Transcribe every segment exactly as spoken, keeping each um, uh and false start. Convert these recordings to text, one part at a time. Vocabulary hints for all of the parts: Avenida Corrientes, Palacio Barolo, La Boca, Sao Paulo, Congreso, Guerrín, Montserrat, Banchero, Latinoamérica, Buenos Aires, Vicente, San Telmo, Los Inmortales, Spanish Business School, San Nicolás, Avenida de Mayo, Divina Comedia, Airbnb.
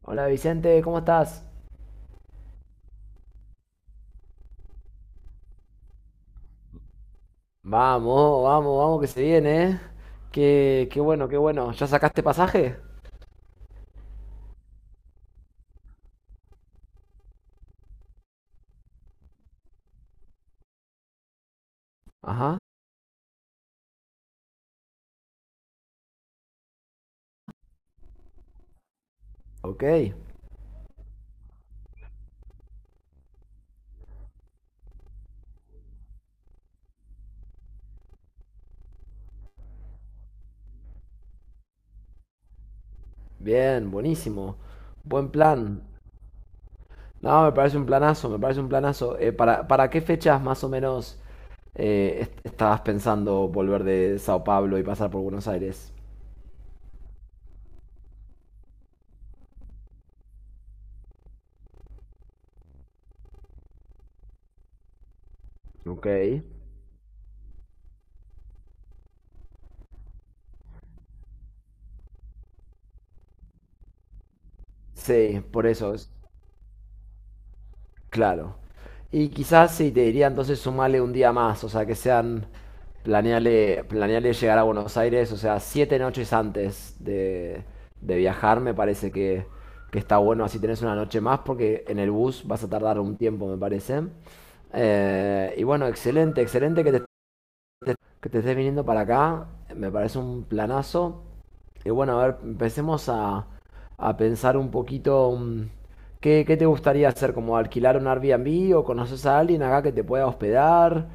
Hola Vicente, ¿cómo estás? Vamos, vamos, vamos, que se viene, ¿eh? Qué, qué bueno, qué bueno. ¿Ya sacaste pasaje? Ajá, ok. Bien, buenísimo. Buen plan. No, me parece un planazo, me parece un planazo. Eh, ¿para, para qué fechas más o menos eh, est- estabas pensando volver de Sao Paulo y pasar por Buenos Aires? Ok. Sí, por eso. Claro. Y quizás sí, te diría entonces sumale un día más, o sea, que sean, planeale, planeale llegar a Buenos Aires, o sea, siete noches antes de, de viajar, me parece que, que está bueno, así tenés una noche más, porque en el bus vas a tardar un tiempo, me parece. Eh, y bueno, excelente, excelente que te, que te estés viniendo para acá, me parece un planazo. Y bueno, a ver, empecemos a, a pensar un poquito mm, ¿qué, qué te gustaría hacer? ¿Como alquilar un Airbnb o conoces a alguien acá que te pueda hospedar?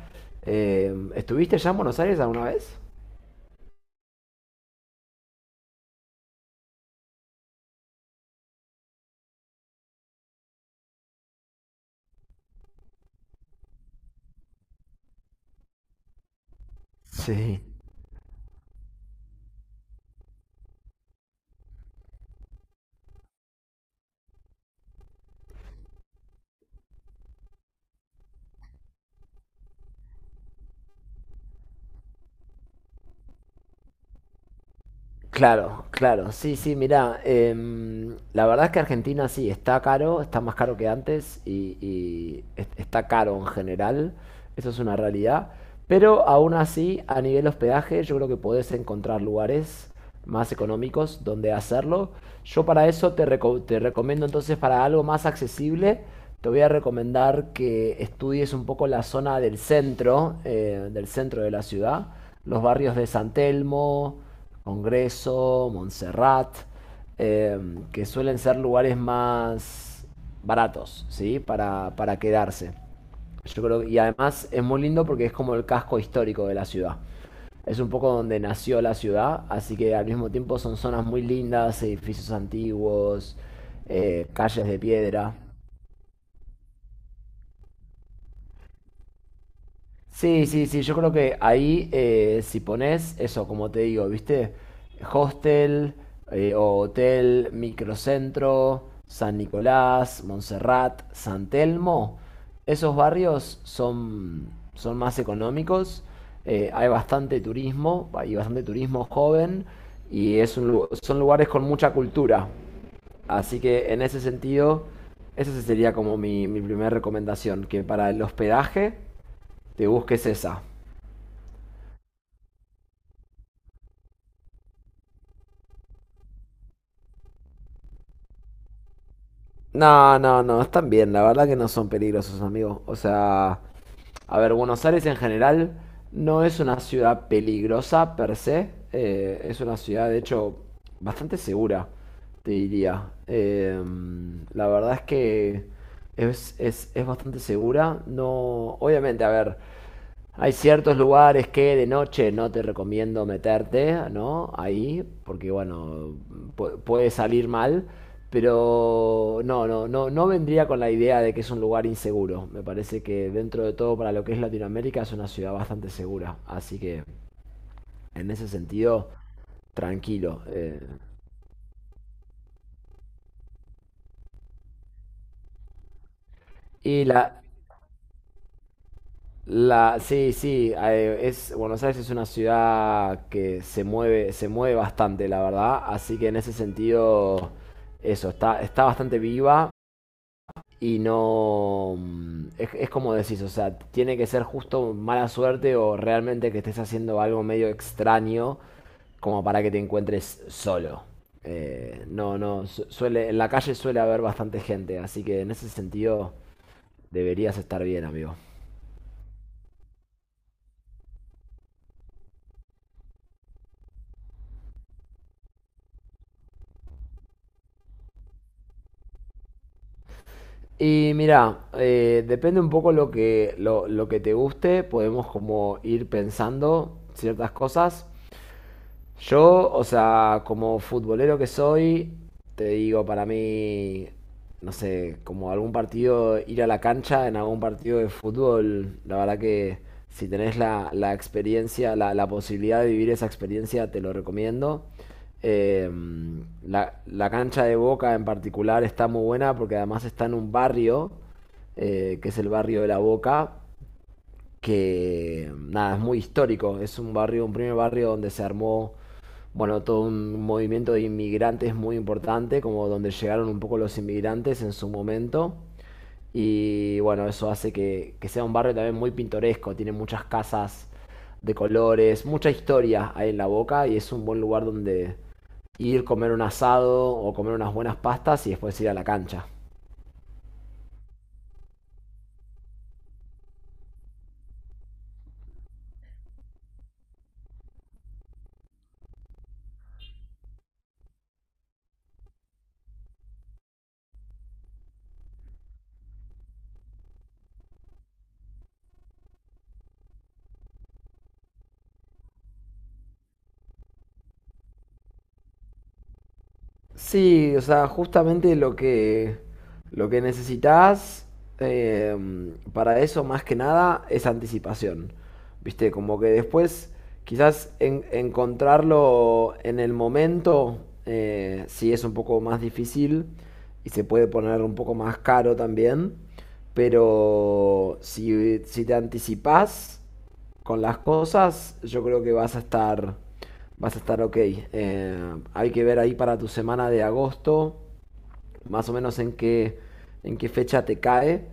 Eh, ¿estuviste ya en Buenos Aires alguna vez? Sí. Claro, claro, sí, sí, mirá, em, la verdad es que Argentina sí, está caro, está más caro que antes y, y es- está caro en general, eso es una realidad, pero aún así a nivel hospedaje yo creo que podés encontrar lugares más económicos donde hacerlo. Yo para eso te, reco- te recomiendo entonces, para algo más accesible, te voy a recomendar que estudies un poco la zona del centro, eh, del centro de la ciudad, los barrios de San Telmo, Congreso, Montserrat, eh, que suelen ser lugares más baratos, ¿sí? Para, para quedarse. Yo creo, y además es muy lindo porque es como el casco histórico de la ciudad. Es un poco donde nació la ciudad, así que al mismo tiempo son zonas muy lindas, edificios antiguos, eh, calles de piedra. Sí, sí, sí, yo creo que ahí eh, si pones eso, como te digo, ¿viste? Hostel, eh, o hotel, microcentro, San Nicolás, Montserrat, San Telmo, esos barrios son, son más económicos, eh, hay bastante turismo, hay bastante turismo joven y es un lu- son lugares con mucha cultura. Así que en ese sentido, esa sería como mi, mi primera recomendación, que para el hospedaje te busques esa. No, no, no, están bien, la verdad que no son peligrosos, amigo. O sea, a ver, Buenos Aires en general no es una ciudad peligrosa per se, eh, es una ciudad de hecho bastante segura, te diría. Eh, la verdad es que es, es, es bastante segura, no, obviamente, a ver. Hay ciertos lugares que de noche no te recomiendo meterte, ¿no? Ahí, porque bueno, puede salir mal, pero no, no, no, no vendría con la idea de que es un lugar inseguro. Me parece que dentro de todo, para lo que es Latinoamérica, es una ciudad bastante segura. Así que en ese sentido, tranquilo. eh. Y la, La, sí, sí, eh, es, Buenos Aires es una ciudad que se mueve, se mueve bastante, la verdad. Así que en ese sentido, eso, está, está bastante viva y no... mm, Es, es como decís, o sea, tiene que ser justo mala suerte o realmente que estés haciendo algo medio extraño como para que te encuentres solo. Eh, no, no, su- suele, en la calle suele haber bastante gente, así que en ese sentido deberías estar bien, amigo. Y mira, eh, depende un poco lo que, lo, lo que te guste, podemos como ir pensando ciertas cosas. Yo, o sea, como futbolero que soy, te digo, para mí, no sé, como algún partido, ir a la cancha en algún partido de fútbol, la verdad que si tenés la, la experiencia, la, la posibilidad de vivir esa experiencia, te lo recomiendo. Eh, la, la cancha de Boca en particular está muy buena porque además está en un barrio, eh, que es el barrio de la Boca, que nada, es muy histórico, es un barrio, un primer barrio donde se armó, bueno, todo un movimiento de inmigrantes muy importante, como donde llegaron un poco los inmigrantes en su momento. Y bueno, eso hace que, que sea un barrio también muy pintoresco, tiene muchas casas de colores, mucha historia hay en La Boca y es un buen lugar donde ir, comer un asado o comer unas buenas pastas y después ir a la cancha. Sí, o sea, justamente lo que, lo que necesitas eh, para eso más que nada es anticipación. Viste, como que después quizás en- encontrarlo en el momento, eh, sí es un poco más difícil y se puede poner un poco más caro también, pero si, si te anticipás con las cosas, yo creo que vas a estar, vas a estar ok. Eh, hay que ver ahí para tu semana de agosto, más o menos en qué, en qué fecha te cae.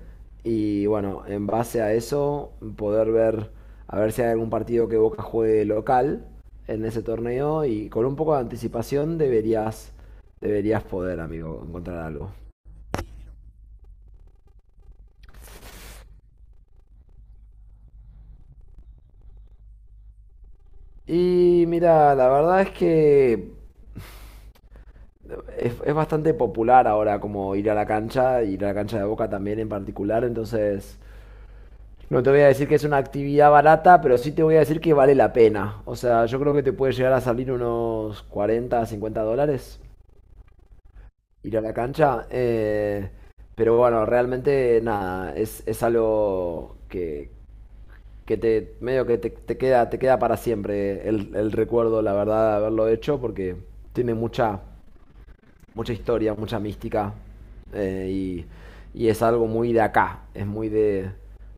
Y bueno, en base a eso, poder ver, a ver si hay algún partido que Boca juegue local en ese torneo. Y con un poco de anticipación deberías, deberías poder, amigo, encontrar algo. Y mira, la verdad es que es, es bastante popular ahora como ir a la cancha, ir a la cancha de Boca también en particular, entonces no te voy a decir que es una actividad barata, pero sí te voy a decir que vale la pena. O sea, yo creo que te puede llegar a salir unos cuarenta, cincuenta dólares ir a la cancha. Eh, pero bueno, realmente nada, es, es algo que, que te medio que te, te queda, te queda para siempre el, el recuerdo, la verdad, de haberlo hecho, porque tiene mucha mucha historia, mucha mística. Eh, y, y es algo muy de acá, es muy de,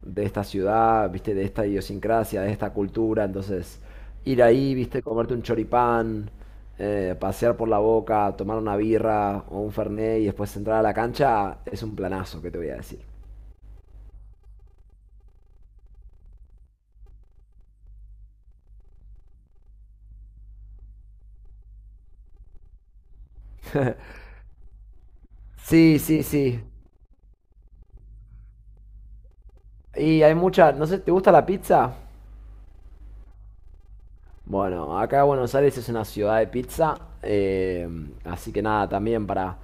de esta ciudad, viste, de esta idiosincrasia, de esta cultura. Entonces, ir ahí, viste, comerte un choripán, eh, pasear por la Boca, tomar una birra o un fernet y después entrar a la cancha, es un planazo, que te voy a decir. Sí, sí, sí. Y hay mucha, no sé, ¿te gusta la pizza? Bueno, acá Buenos Aires es una ciudad de pizza, eh, así que nada, también para,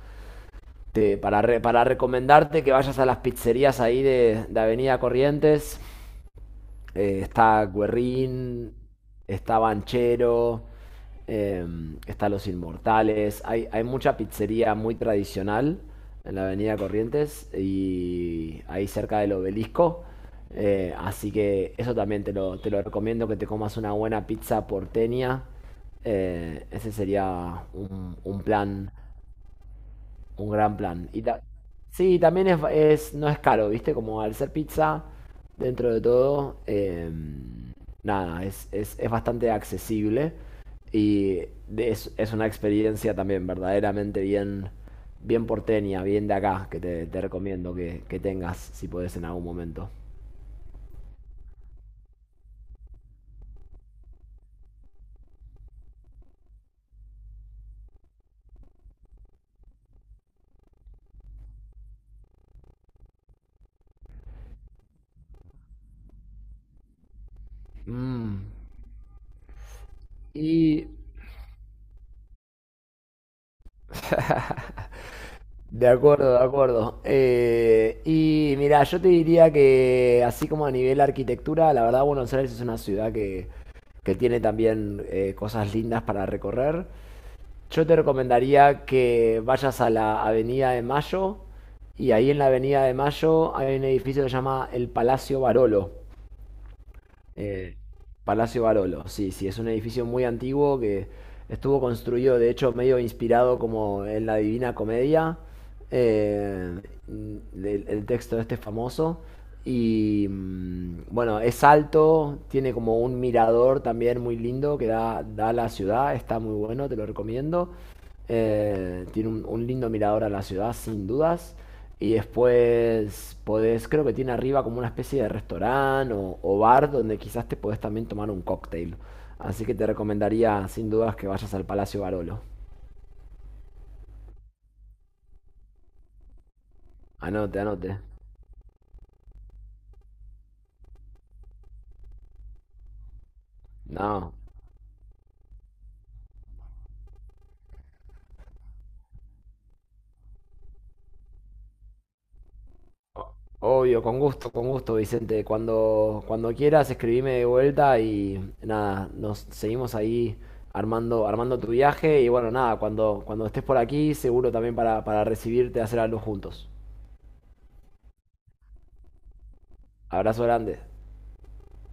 te- para, re- para recomendarte que vayas a las pizzerías ahí de, de Avenida Corrientes. Eh, está Guerrín, está Banchero, eh, está Los Inmortales. Hay, hay mucha pizzería muy tradicional en la Avenida Corrientes y ahí cerca del obelisco. Eh, así que eso también te lo, te lo recomiendo, que te comas una buena pizza porteña. Eh, ese sería un, un plan, un gran plan. Y ta- sí, también es, es- no es caro, ¿viste? Como al ser pizza, dentro de todo, em, nada, es, es- es bastante accesible y de- es, es una experiencia también verdaderamente bien, bien porteña, bien de acá, que te, te recomiendo que, que tengas si podés en algún momento. Mm, Y de acuerdo, de acuerdo. Eh, y mira, yo te diría que así como a nivel arquitectura, la verdad Buenos Aires es una ciudad que que tiene también eh, cosas lindas para recorrer. Yo te recomendaría que vayas a la Avenida de Mayo y ahí en la Avenida de Mayo hay un edificio que se llama el Palacio Barolo. Eh, Palacio Barolo, sí, sí, es un edificio muy antiguo que estuvo construido, de hecho, medio inspirado como en la Divina Comedia, eh, del- el texto este famoso. Y mm, bueno, es alto, tiene como un mirador también muy lindo que da, da a la ciudad, está muy bueno, te lo recomiendo. Eh, tiene un, un lindo mirador a la ciudad, sin dudas. Y después podés, creo que tiene arriba como una especie de restaurante o, o bar donde quizás te podés también tomar un cóctel. Así que te recomendaría sin dudas que vayas al Palacio Barolo. Anote, anote. No, obvio, con gusto, con gusto, Vicente. Cuando, cuando quieras, escribime de vuelta y nada, nos seguimos ahí armando, armando tu viaje. Y bueno, nada, cuando, cuando estés por aquí, seguro también para, para recibirte, hacer algo juntos. Abrazo grande.